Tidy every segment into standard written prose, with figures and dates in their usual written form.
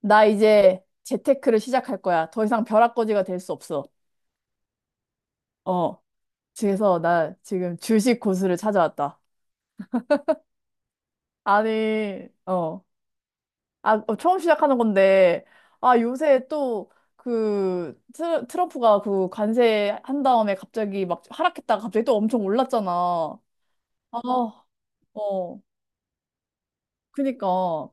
나 이제 재테크를 시작할 거야. 더 이상 벼락거지가 될 수 없어. 어. 그래서 나 지금 주식 고수를 찾아왔다. 아니, 어. 아, 어, 처음 시작하는 건데, 아, 요새 또, 그, 트럼프가 그 관세 한 다음에 갑자기 막 하락했다가 갑자기 또 엄청 올랐잖아. 아, 어. 그니까.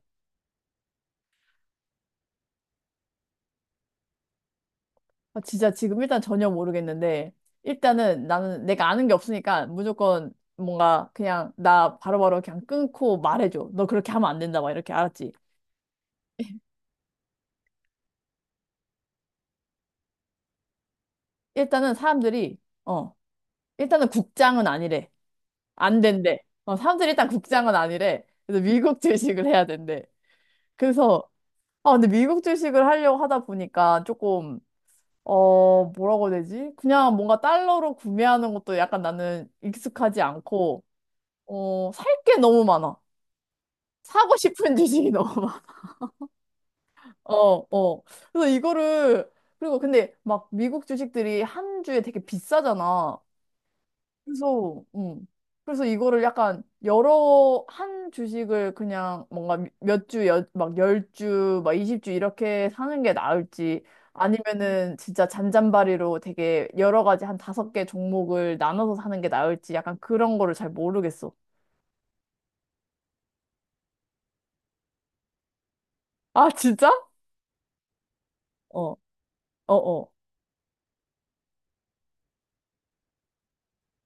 아, 진짜 지금 일단 전혀 모르겠는데, 일단은 나는 내가 아는 게 없으니까 무조건 뭔가 그냥 나 바로바로 그냥 끊고 말해줘. 너 그렇게 하면 안 된다. 막 이렇게 알았지. 일단은 사람들이, 어, 일단은 국장은 아니래. 안 된대. 어, 사람들이 일단 국장은 아니래. 그래서 미국 주식을 해야 된대. 그래서, 아, 근데 미국 주식을 하려고 하다 보니까 조금, 어, 뭐라고 해야 되지? 그냥 뭔가 달러로 구매하는 것도 약간 나는 익숙하지 않고, 어, 살 게 너무 많아. 사고 싶은 주식이 너무 많아. 어, 어. 그래서 이거를, 그리고 근데 막 미국 주식들이 한 주에 되게 비싸잖아. 그래서, 그래서 이거를 약간 여러 한 주식을 그냥 뭔가 몇 주, 여, 막 열 주막 20주 이렇게 사는 게 나을지 아니면은 진짜 잔잔바리로 되게 여러 가지 한 다섯 개 종목을 나눠서 사는 게 나을지 약간 그런 거를 잘 모르겠어. 아, 진짜? 어, 어, 어.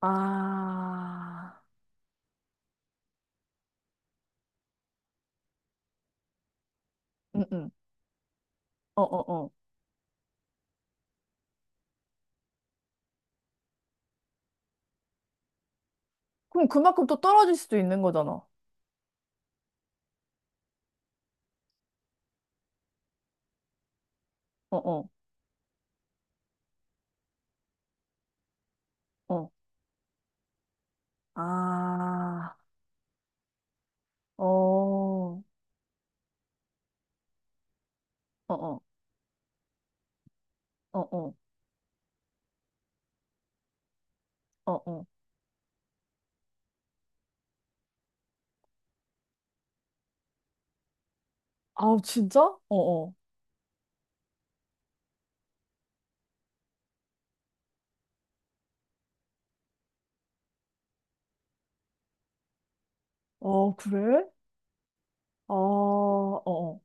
아, 응, 응. 어, 어, 어. 그럼 그만큼 또 떨어질 수도 있는 거잖아. 어, 어, 어. 아, 어, 어, 어, 어, 어, 어, 어. 아우, 진짜? 어, 어. 어, 그래? 아, 어, 어,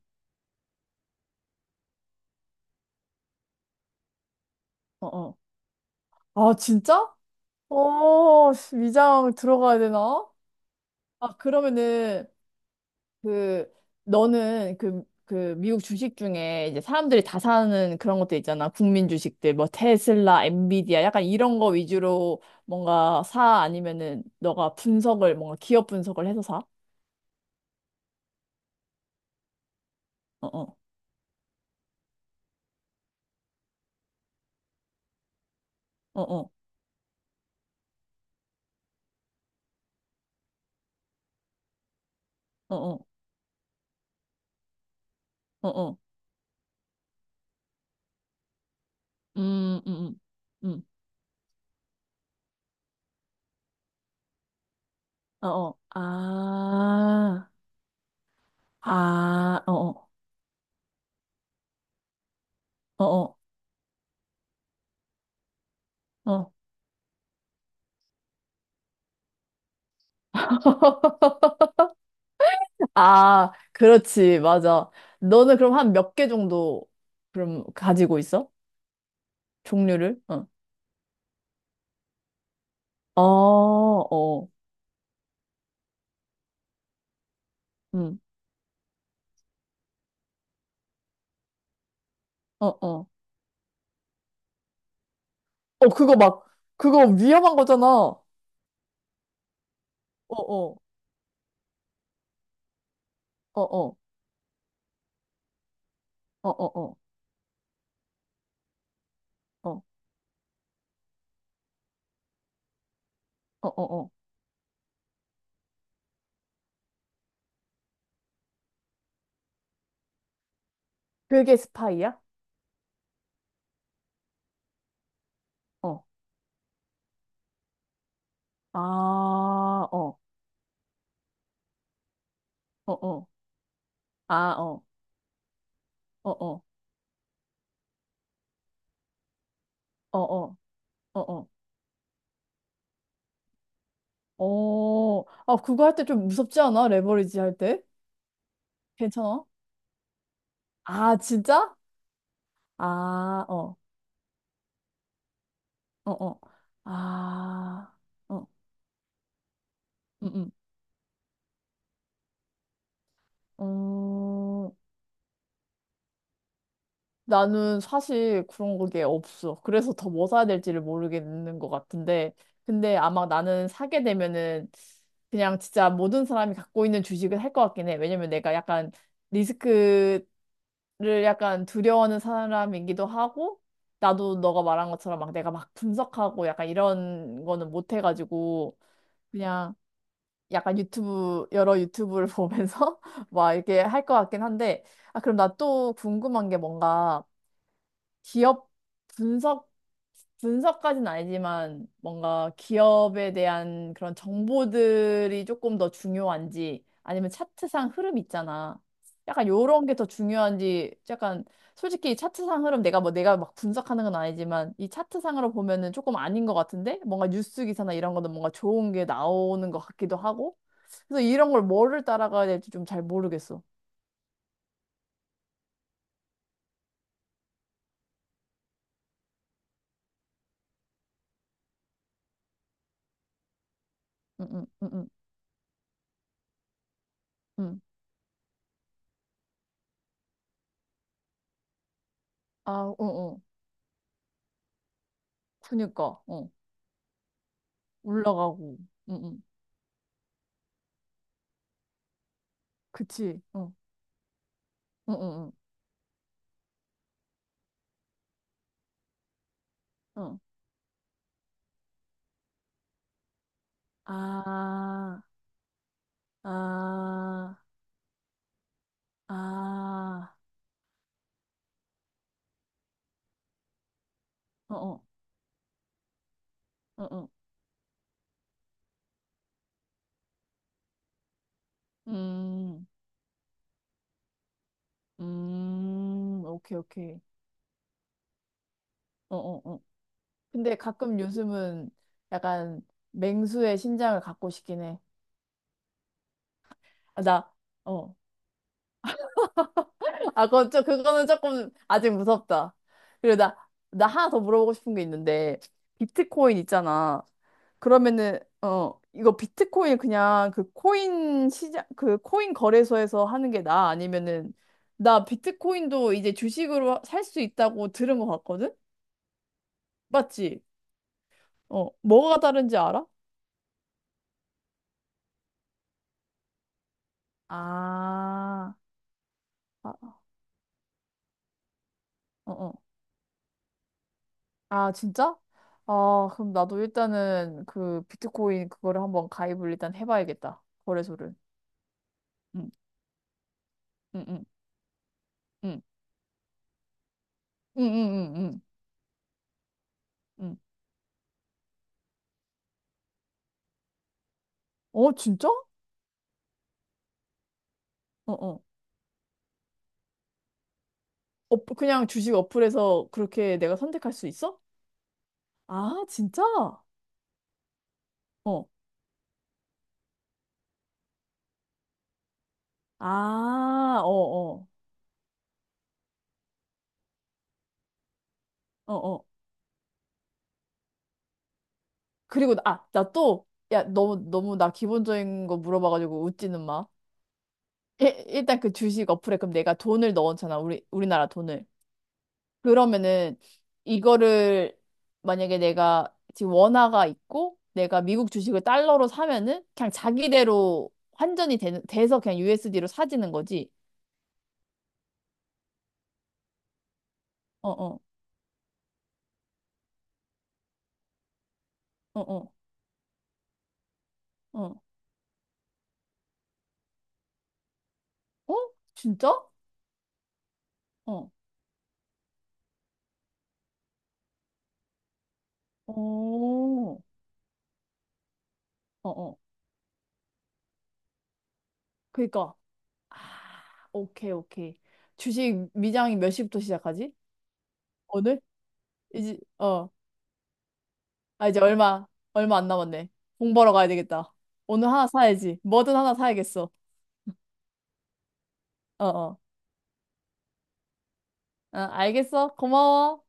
어, 어. 아, 진짜? 어, 씨, 위장 들어가야 되나? 아, 그러면은 그 너는 그 미국 주식 중에 이제 사람들이 다 사는 그런 것들 있잖아. 국민 주식들 뭐 테슬라, 엔비디아 약간 이런 거 위주로 뭔가 사 아니면은 너가 분석을 뭔가 기업 분석을 해서 사? 어어. 어어. 어어. 어어. 음, 음, 음. 음. 어어. 아. 아. 어어. 어 어. 어. 아, 그렇지. 맞아. 너는 그럼 한 몇 개 정도 그럼 가지고 있어? 종류를? 어. 아, 어, 응, 어, 어. 어, 그거 막, 그거 위험한 거잖아. 어, 어, 어, 어, 어, 어, 어, 어, 어, 어. 어. 그게 스파이야? 어. 아, 어, 어, 어. 아, 어, 어, 어, 어, 어, 어, 어. 어, 아, 그거 할 때 좀 무섭지 않아? 레버리지 할 때? 괜찮아? 아, 진짜? 아, 어, 어, 어. 아, 어, 응, 응. 나는 사실 그런 게 없어. 그래서 더 뭐 사야 될지를 모르겠는 것 같은데. 근데 아마 나는 사게 되면은 그냥 진짜 모든 사람이 갖고 있는 주식을 할 것 같긴 해. 왜냐면 내가 약간 리스크를 약간 두려워하는 사람이기도 하고, 나도 너가 말한 것처럼 막 내가 막 분석하고 약간 이런 거는 못 해가지고, 그냥 약간 유튜브, 여러 유튜브를 보면서 막 이렇게 할 것 같긴 한데, 아, 그럼 나 또 궁금한 게 뭔가, 기업 분석, 분석까지는 아니지만 뭔가 기업에 대한 그런 정보들이 조금 더 중요한지 아니면 차트상 흐름 있잖아. 약간 요런 게 더 중요한지 약간 솔직히 차트상 흐름 내가 뭐 내가 막 분석하는 건 아니지만 이 차트상으로 보면은 조금 아닌 것 같은데 뭔가 뉴스 기사나 이런 거는 뭔가 좋은 게 나오는 것 같기도 하고 그래서 이런 걸 뭐를 따라가야 될지 좀 잘 모르겠어. 응, 응, 응, 응, 응. 아, 응, 응. 그니까, 어. 올라가고. 응, 응. 그치. 어. 응, 응, 응. 어. 아, 아, 아. 어, 어, 어, 어. 음, 오케이, 오케이. 어, 어, 어. 근데 가끔 요즘은 약간 맹수의 신장을 갖고 싶긴 해. 아, 나, 어. 아, 그건 좀, 그거는 조금 아직 무섭다. 그리고 나 하나 더 물어보고 싶은 게 있는데, 비트코인 있잖아. 그러면은 어 이거 비트코인 그냥 그 코인 시장 그 코인 거래소에서 하는 게 나아? 아니면은 나 비트코인도 이제 주식으로 살 수 있다고 들은 것 같거든? 맞지? 어 뭐가 다른지 알아? 아, 아, 어, 어. 아, 진짜? 아, 그럼 나도 일단은 그 비트코인 그거를 한번 가입을 일단 해봐야겠다. 거래소를. 응, 응, 응, 응, 응, 응, 응, 응. 응. 어, 진짜? 어, 어. 어, 그냥 주식 어플에서 그렇게 내가 선택할 수 있어? 아, 진짜? 어. 아, 어, 어. 어, 어. 그리고, 아, 나 또, 야, 너무, 너무 나 기본적인 거 물어봐가지고 웃지는 마. 일단 그 주식 어플에 그럼 내가 돈을 넣었잖아. 우리나라 돈을. 그러면은 이거를 만약에 내가 지금 원화가 있고 내가 미국 주식을 달러로 사면은 그냥 자기대로 환전이 돼서 그냥 USD로 사지는 거지. 어, 어, 어, 어. 어. 어? 진짜? 어. 어. 어, 어. 그니까. 아, 오케이, 오케이. 주식 미장이 몇 시부터 시작하지? 오늘? 이제, 어. 아, 이제 얼마, 얼마 안 남았네. 공 벌어 가야 되겠다. 오늘 하나 사야지. 뭐든 하나 사야겠어. 어, 어. 어, 알겠어. 고마워.